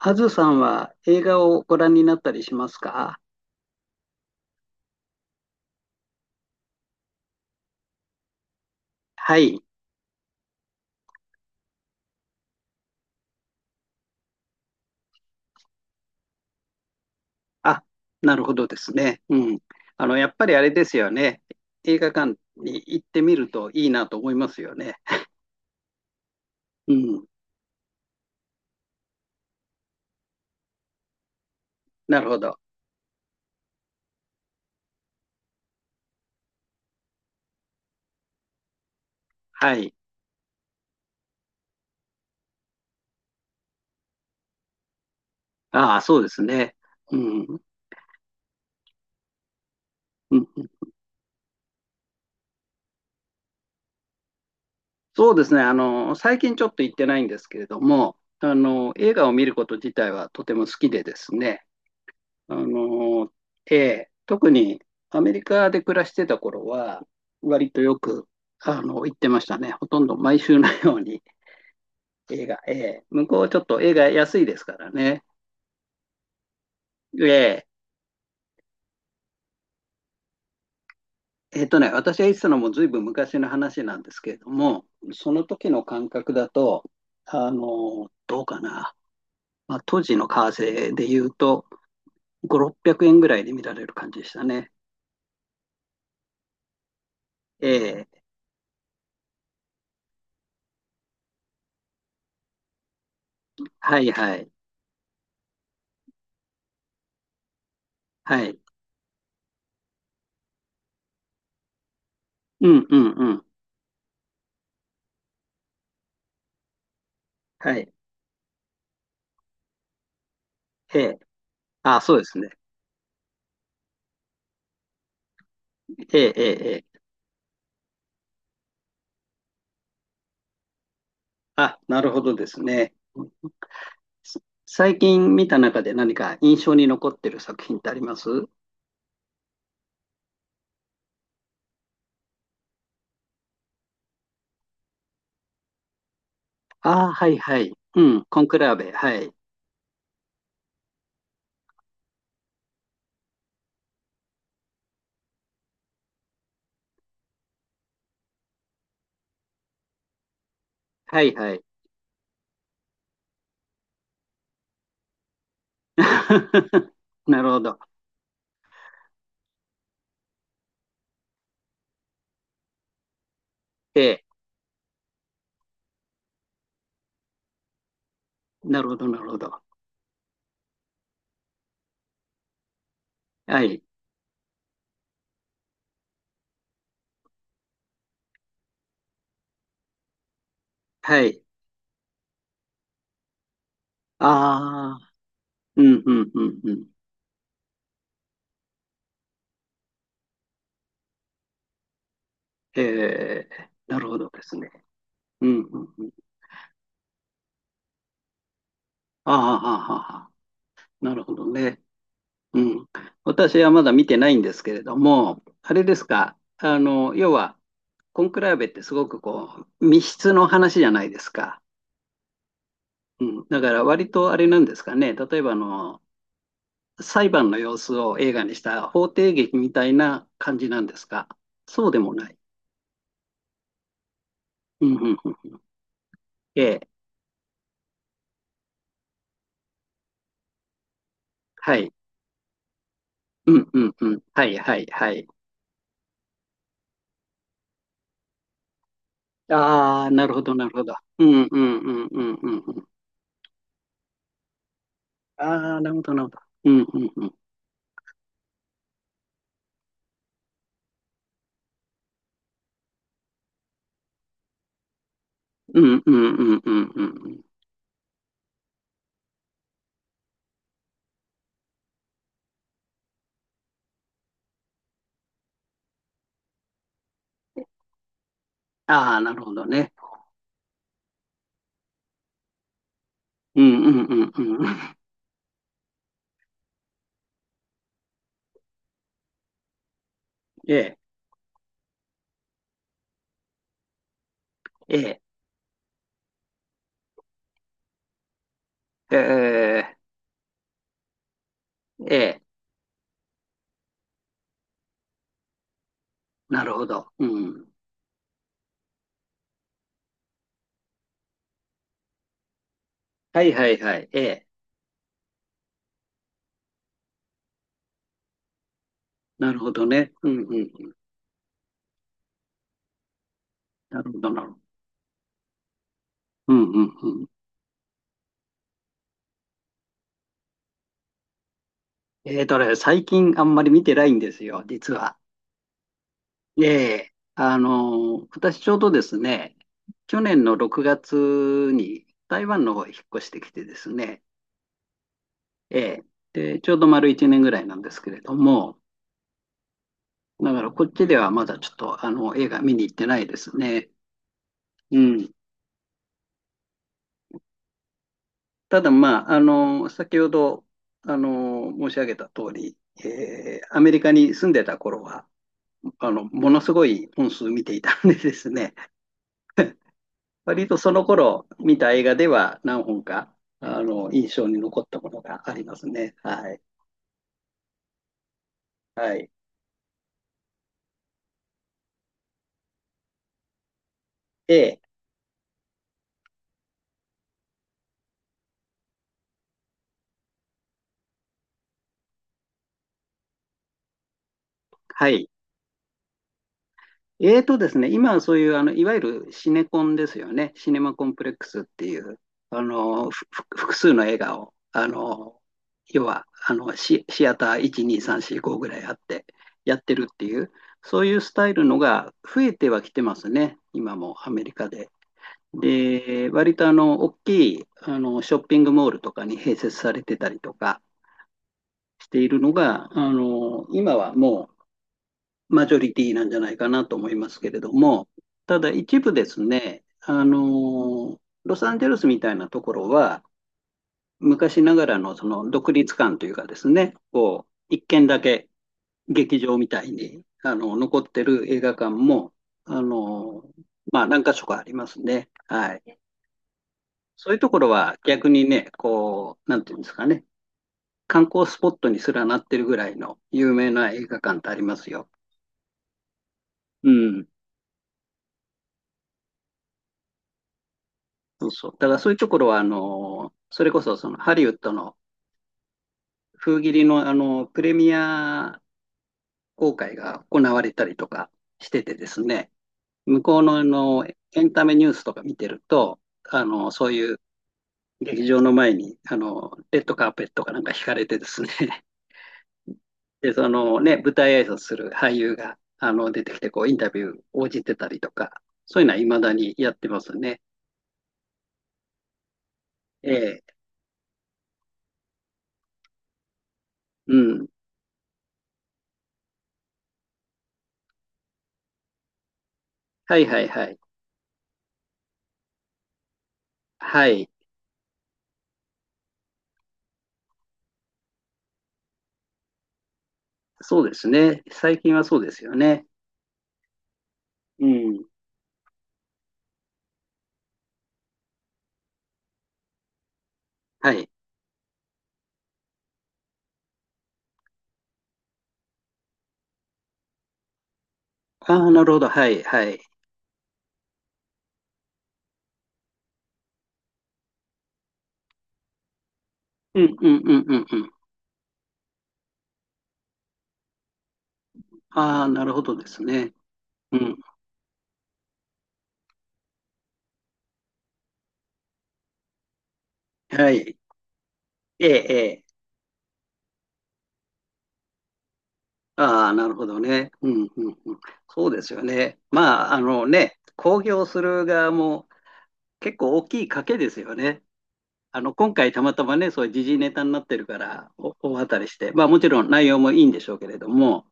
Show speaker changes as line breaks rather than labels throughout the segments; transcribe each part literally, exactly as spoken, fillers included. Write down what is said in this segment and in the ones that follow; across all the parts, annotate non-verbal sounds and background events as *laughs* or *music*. あずさんは映画をご覧になったりしますか？はい。あ、なるほどですね。うん。あの、やっぱりあれですよね。映画館に行ってみるといいなと思いますよね。うん。なるほど。はい。ああ、そうですね。うん。うん、そうですね。あの、最近ちょっと行ってないんですけれども、あの、映画を見ること自体はとても好きでですね。あの、で、特にアメリカで暮らしてた頃は、割とよく、あの、行ってましたね。ほとんど毎週のように *laughs* 映画、えー向こうちょっと映画安いですからね。で、えっとね、私が言ってたのもずいぶん昔の話なんですけれども、その時の感覚だと、あの、どうかな。まあ、当時の為替で言うと、ご、ろっぴゃくえんぐらいで見られる感じでしたね。ええ、はいはい。はい。うんうんうん。はい。ええ、あ、そうですね。ええ、ええ、ええ。あ、なるほどですね。最近見た中で何か印象に残ってる作品ってあります？ああ、はいはい。うん、コンクラーベ。はい。はいはい。*laughs* なるほど。ええ、なるほど、なるほど。はい。はい。ああ、うん、うん、うん、うん。ええ、なるほどですね。うん、うん、うん。ああ、はあはあはあ、なるほどね。うん。私はまだ見てないんですけれども、あれですか、あの、要は、コンクラーベってすごくこう、密室の話じゃないですか。うん。だから割とあれなんですかね、例えばあの、裁判の様子を映画にした法廷劇みたいな感じなんですか。そうでもない？うんうんうん。ええ。はい。うんうんうん。はいはいはい。ああ、なるほどなるほど。うんうんうんうんうんうん。ああ、なるほどなるほど。うんうんうん。うんうんうんうんうんうん。ああ、なるほどね。うんうんうんうん。*laughs* ええ、ええ、ええ、ええ、なるほど。うん。はいはいはい。ええ、なるほどね。うんうん。なるほどなるほど。うんうんうん。ええとね、最近あんまり見てないんですよ、実は。ええ、あの、私ちょうどですね、去年のろくがつに台湾の方へ引っ越してきてですね、ええ、で、ちょうど丸いちねんぐらいなんですけれども、だからこっちではまだちょっとあの映画見に行ってないですね。うん。ただまあ、あの、先ほどあの申し上げた通り、えーアメリカに住んでた頃は、あの、ものすごい本数見ていたんでですね、*laughs* 割とその頃見た映画では何本か、あの、印象に残ったものがありますね。はい。はい。で、はい。えーとですね、今はそういう、あの、いわゆるシネコンですよね。シネマコンプレックスっていう、あの、ふふ複数の映画を、あの、要は、あの、シ、シアターいち、に、さん、よん、ごぐらいあって、やってるっていう、そういうスタイルのが増えてはきてますね。今もアメリカで。で、割とあの、大きい、あの、ショッピングモールとかに併設されてたりとかしているのが、あの、今はもマジョリティなんじゃないかなと思いますけれども、ただ一部ですね、あの、ロサンゼルスみたいなところは、昔ながらのその独立感というかですね、こう、一軒だけ劇場みたいに、あの、残ってる映画館も、あの、まあ何か所かありますね。はい。そういうところは逆にね、こう、なんていうんですかね、観光スポットにすらなってるぐらいの有名な映画館ってありますよ。うん。そうそう。だからそういうところは、あの、それこそ、その、ハリウッドの封切りの、あの、プレミア公開が行われたりとかしててですね、向こうの、あの、エンタメニュースとか見てると、あの、そういう劇場の前に、あの、レッドカーペットかなんか引かれてですね、*laughs* で、そのね、舞台挨拶する俳優が、あの、出てきて、こう、インタビュー応じてたりとか、そういうのは未だにやってますね。ええ、うん。はいはいはい。はい。そうですね。最近はそうですよね。うん。はい。ああ、なるほど。はい、はい。うんうんうんうんうん。ああ、なるほどですね。うん。はい。ええ、ええ。ああ、なるほどね。うんうんうん。そうですよね。まあ、あのね、公表する側も結構大きい賭けですよね。あの、今回たまたまね、そういう時事ネタになってるから、お大当たりして、まあもちろん内容もいいんでしょうけれども、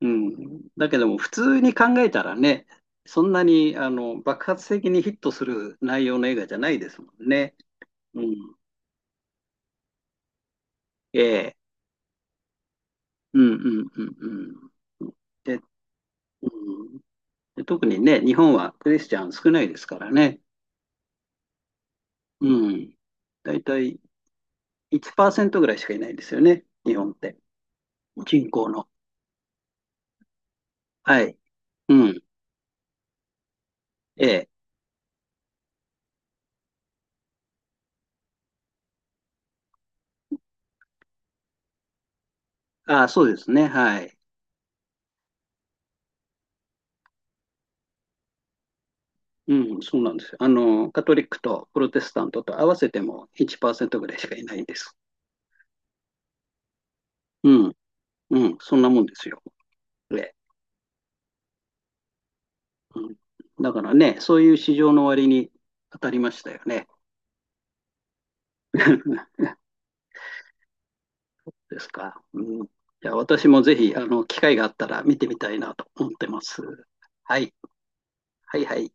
うん。だけども、普通に考えたらね、そんなに、あの、爆発的にヒットする内容の映画じゃないですもんね。うん。ええ。うん、うん、うん、うん。で、うん、で、特にね、日本はクリスチャン少ないですからね。うん。だいたいいちパーセントぐらいしかいないんですよね、日本って。人口の。はい。うん。ええ。ああ、そうですね。はい。うん、そうなんですよ。あの、カトリックとプロテスタントと合わせてもいちパーセントぐらいしかいないんです。うん、うん、そんなもんですよ。ね、うん、だからね、そういう市場の割に当たりましたよね。*laughs* ですか。うん、いや、私もぜひ、あの、機会があったら見てみたいなと思ってます。はい、はい、はい。